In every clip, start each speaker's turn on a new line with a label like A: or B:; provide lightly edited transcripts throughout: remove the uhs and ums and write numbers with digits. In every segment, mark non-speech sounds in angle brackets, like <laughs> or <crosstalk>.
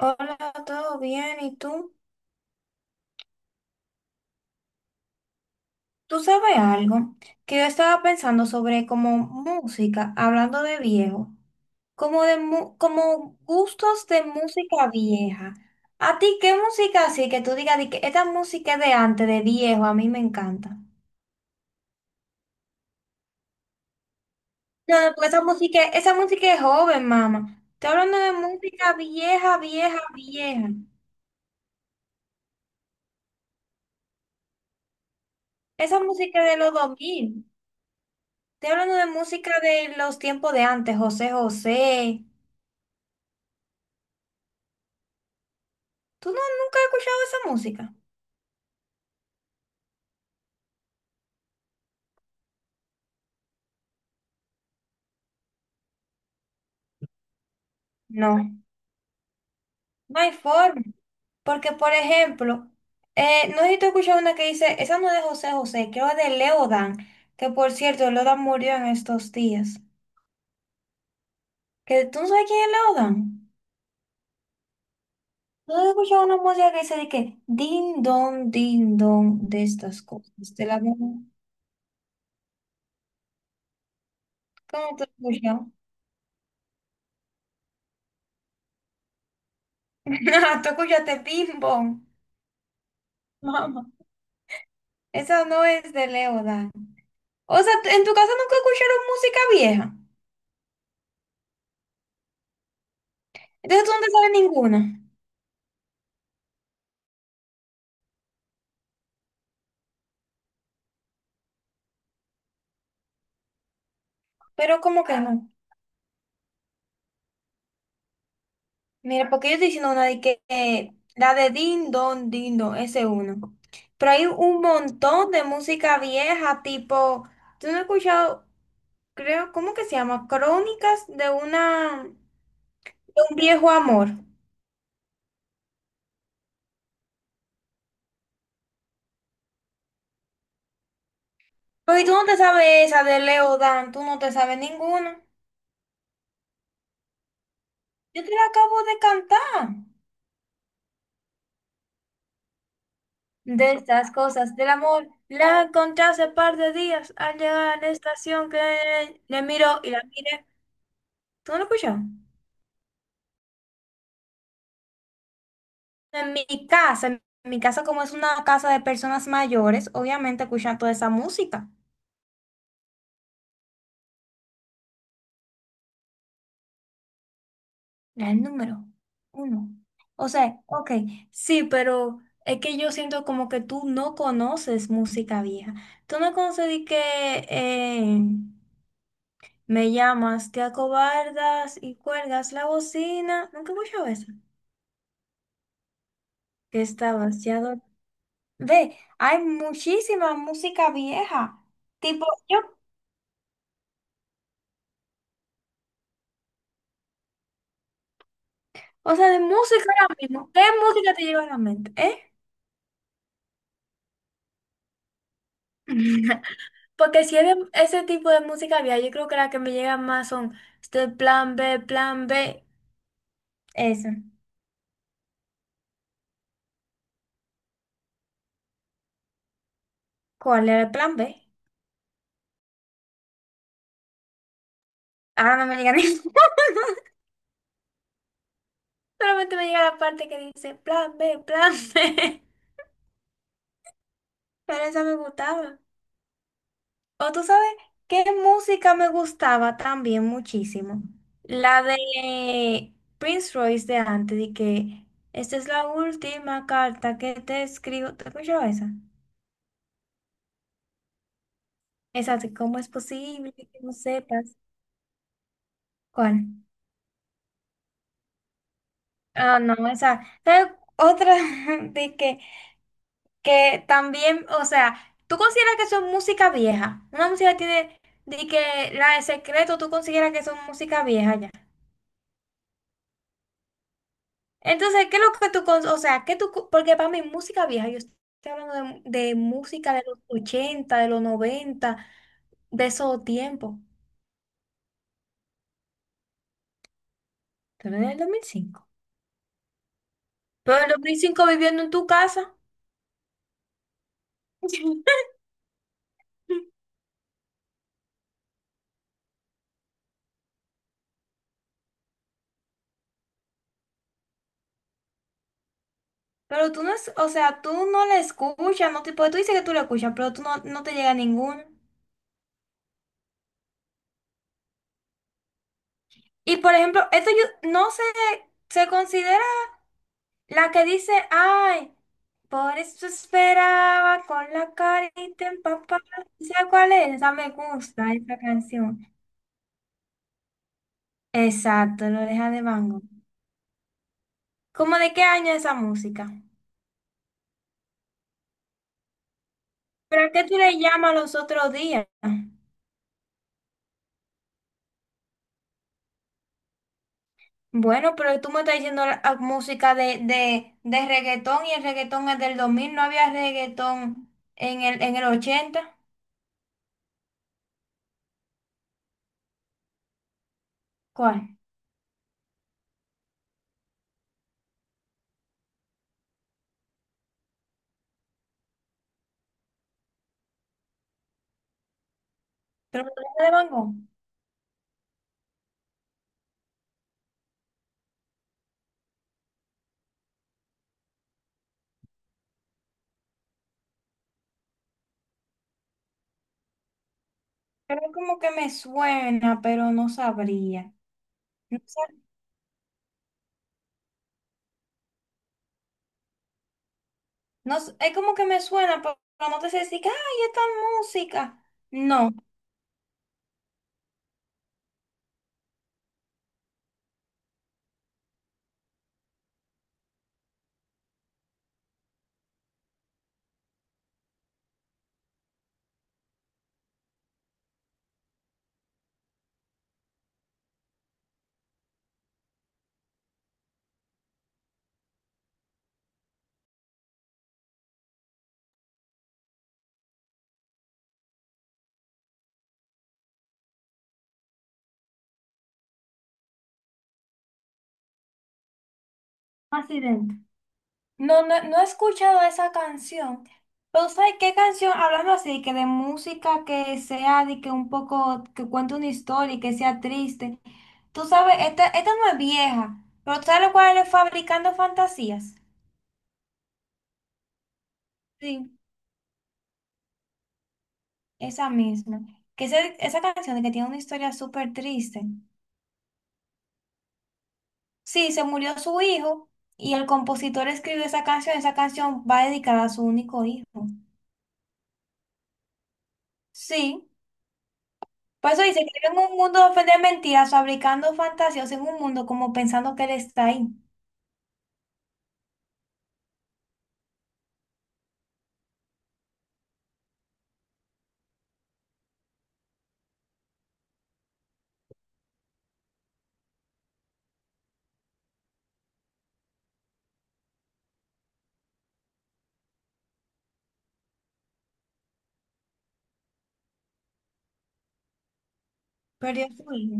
A: Hola, ¿todo bien? ¿Y tú? ¿Tú sabes algo? Que yo estaba pensando sobre como música, hablando de viejo, como gustos de música vieja. ¿A ti qué música así que tú digas de que esta música es de antes, de viejo, a mí me encanta? No, no, porque esa música es joven, mamá. Estoy hablando de música vieja, vieja, vieja. Esa música de los 2000. Estoy hablando de música de los tiempos de antes, José José. ¿Tú no, nunca has escuchado esa música? No. No hay forma. Porque, por ejemplo, no sé si tú una que dice, esa no es de José José, creo que es de Leodan, que por cierto, Leodan murió en estos días. ¿Que tú no sabes quién es Leodan? ¿No he escuchado una música que dice de que din don, de estas cosas? De la ¿cómo tú has escuchado? <laughs> No, tú escuchaste bim bom, mamá. Esa no es de Leodan. O sea, ¿en tu casa nunca escucharon música vieja? Entonces tú no te sabes ninguna, pero como que no. Mira, porque yo estoy diciendo una de que la de Din Don, Din Don, ese es uno. Pero hay un montón de música vieja, tipo, tú no has escuchado, creo, ¿cómo que se llama? Crónicas de una, de un viejo amor. Porque tú no te sabes esa de Leo Dan, tú no te sabes ninguna. Yo te la acabo de cantar. De estas cosas del amor, la encontré hace par de días al llegar a la estación que le miro y la miré. ¿Tú no lo escuchas? En mi casa como es una casa de personas mayores, obviamente escuchan toda esa música. Era el número 1. O sea, ok, sí, pero es que yo siento como que tú no conoces música vieja. Tú no conoces de que eh, me llamas, te acobardas y cuelgas la bocina. Nunca he escuchado eso. Que está vaciado. Ve, hay muchísima música vieja. Tipo, yo, o sea, de música ahora mismo. ¿Qué música te llega a la mente? ¿Eh? <laughs> Porque si es de ese tipo de música había, yo creo que la que me llega más son este plan B. Eso. ¿Cuál era el plan B? Ahora no me llega ni. <laughs> Solamente me llega la parte que dice plan B. <laughs> Pero esa me gustaba. O tú sabes qué música me gustaba también muchísimo. La de Prince Royce de antes, de que esta es la última carta que te escribo. ¿Te escuchó esa? Esa de cómo es posible que no sepas cuál. Ah, no, esa. ¿Sabes? Otra, <laughs> de que también, o sea, ¿tú consideras que son música vieja? Una música tiene, de que la de secreto, ¿tú consideras que son música vieja ya? Entonces, ¿qué es lo que tú, porque para mí música vieja, yo estoy hablando de música de los 80, de los 90, de esos tiempos. Pero en el 2005. Pero en el 2005 viviendo en tu casa. <laughs> Pero tú no, o sea, tú no la escuchas, no te, porque tú dices que tú la escuchas, pero tú no, no te llega ninguna. Y por ejemplo, esto yo no se, se considera la que dice, ay, por eso esperaba con la carita empapada. ¿Sabes cuál es? Esa me gusta, esa canción. Exacto, lo deja de Bango. ¿Cómo de qué año es esa música? ¿Pero a qué tú le llamas los otros días? Bueno, pero tú me estás diciendo música de, reggaetón, y el reggaetón es del 2000, no había reggaetón en el 80. ¿Cuál? ¿Pero lo deja de Bango? Pero como que me suena, pero no sabría. No, es como que me suena, pero no te sé decir que, ay, esta música. No, Accidente. No, no, No he escuchado esa canción. Pero ¿sabes qué canción? Hablando así, que de música que sea, de que un poco, que cuente una historia y que sea triste. Tú sabes, esta no es vieja, pero ¿tú ¿sabes cuál es Fabricando Fantasías? Sí, esa misma. Esa canción de que tiene una historia súper triste. Sí, se murió su hijo y el compositor escribió esa canción. Esa canción va dedicada a su único hijo. Sí, por eso dice que vive en un mundo de de mentiras, fabricando fantasías en un mundo como pensando que él está ahí. Perdió su hijo,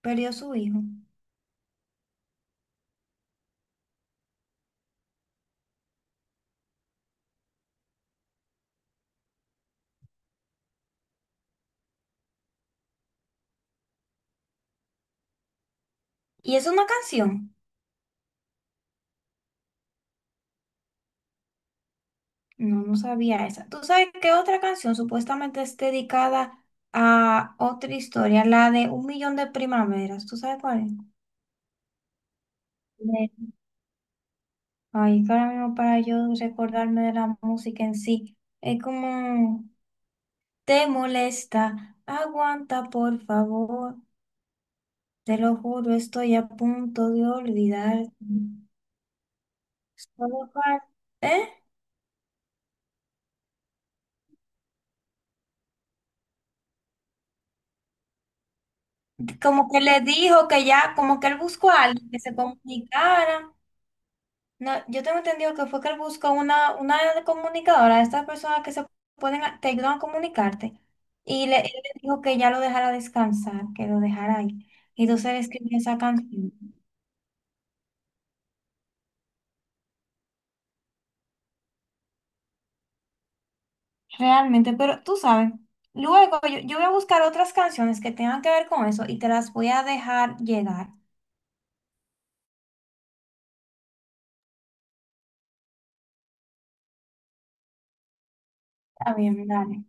A: perdió su hijo. ¿Y es una canción? No, no sabía esa. ¿Tú sabes qué otra canción supuestamente es dedicada a otra historia? La de Un Millón de Primaveras. ¿Tú sabes cuál es? Ay, que ahora mismo para yo recordarme de la música en sí, es como, te molesta, aguanta por favor, te lo juro, estoy a punto de olvidarte. Solo fal- ¿Eh? Como que le dijo que ya, como que él buscó a alguien que se comunicara. No, yo tengo entendido que fue que él buscó una comunicadora, estas personas que se pueden, te ayudan a comunicarte, y le, él le dijo que ya lo dejara descansar, que lo dejara ahí. Y entonces él escribió esa canción. Realmente, pero tú sabes, luego yo, yo voy a buscar otras canciones que tengan que ver con eso y te las voy a dejar llegar. Está bien, dale.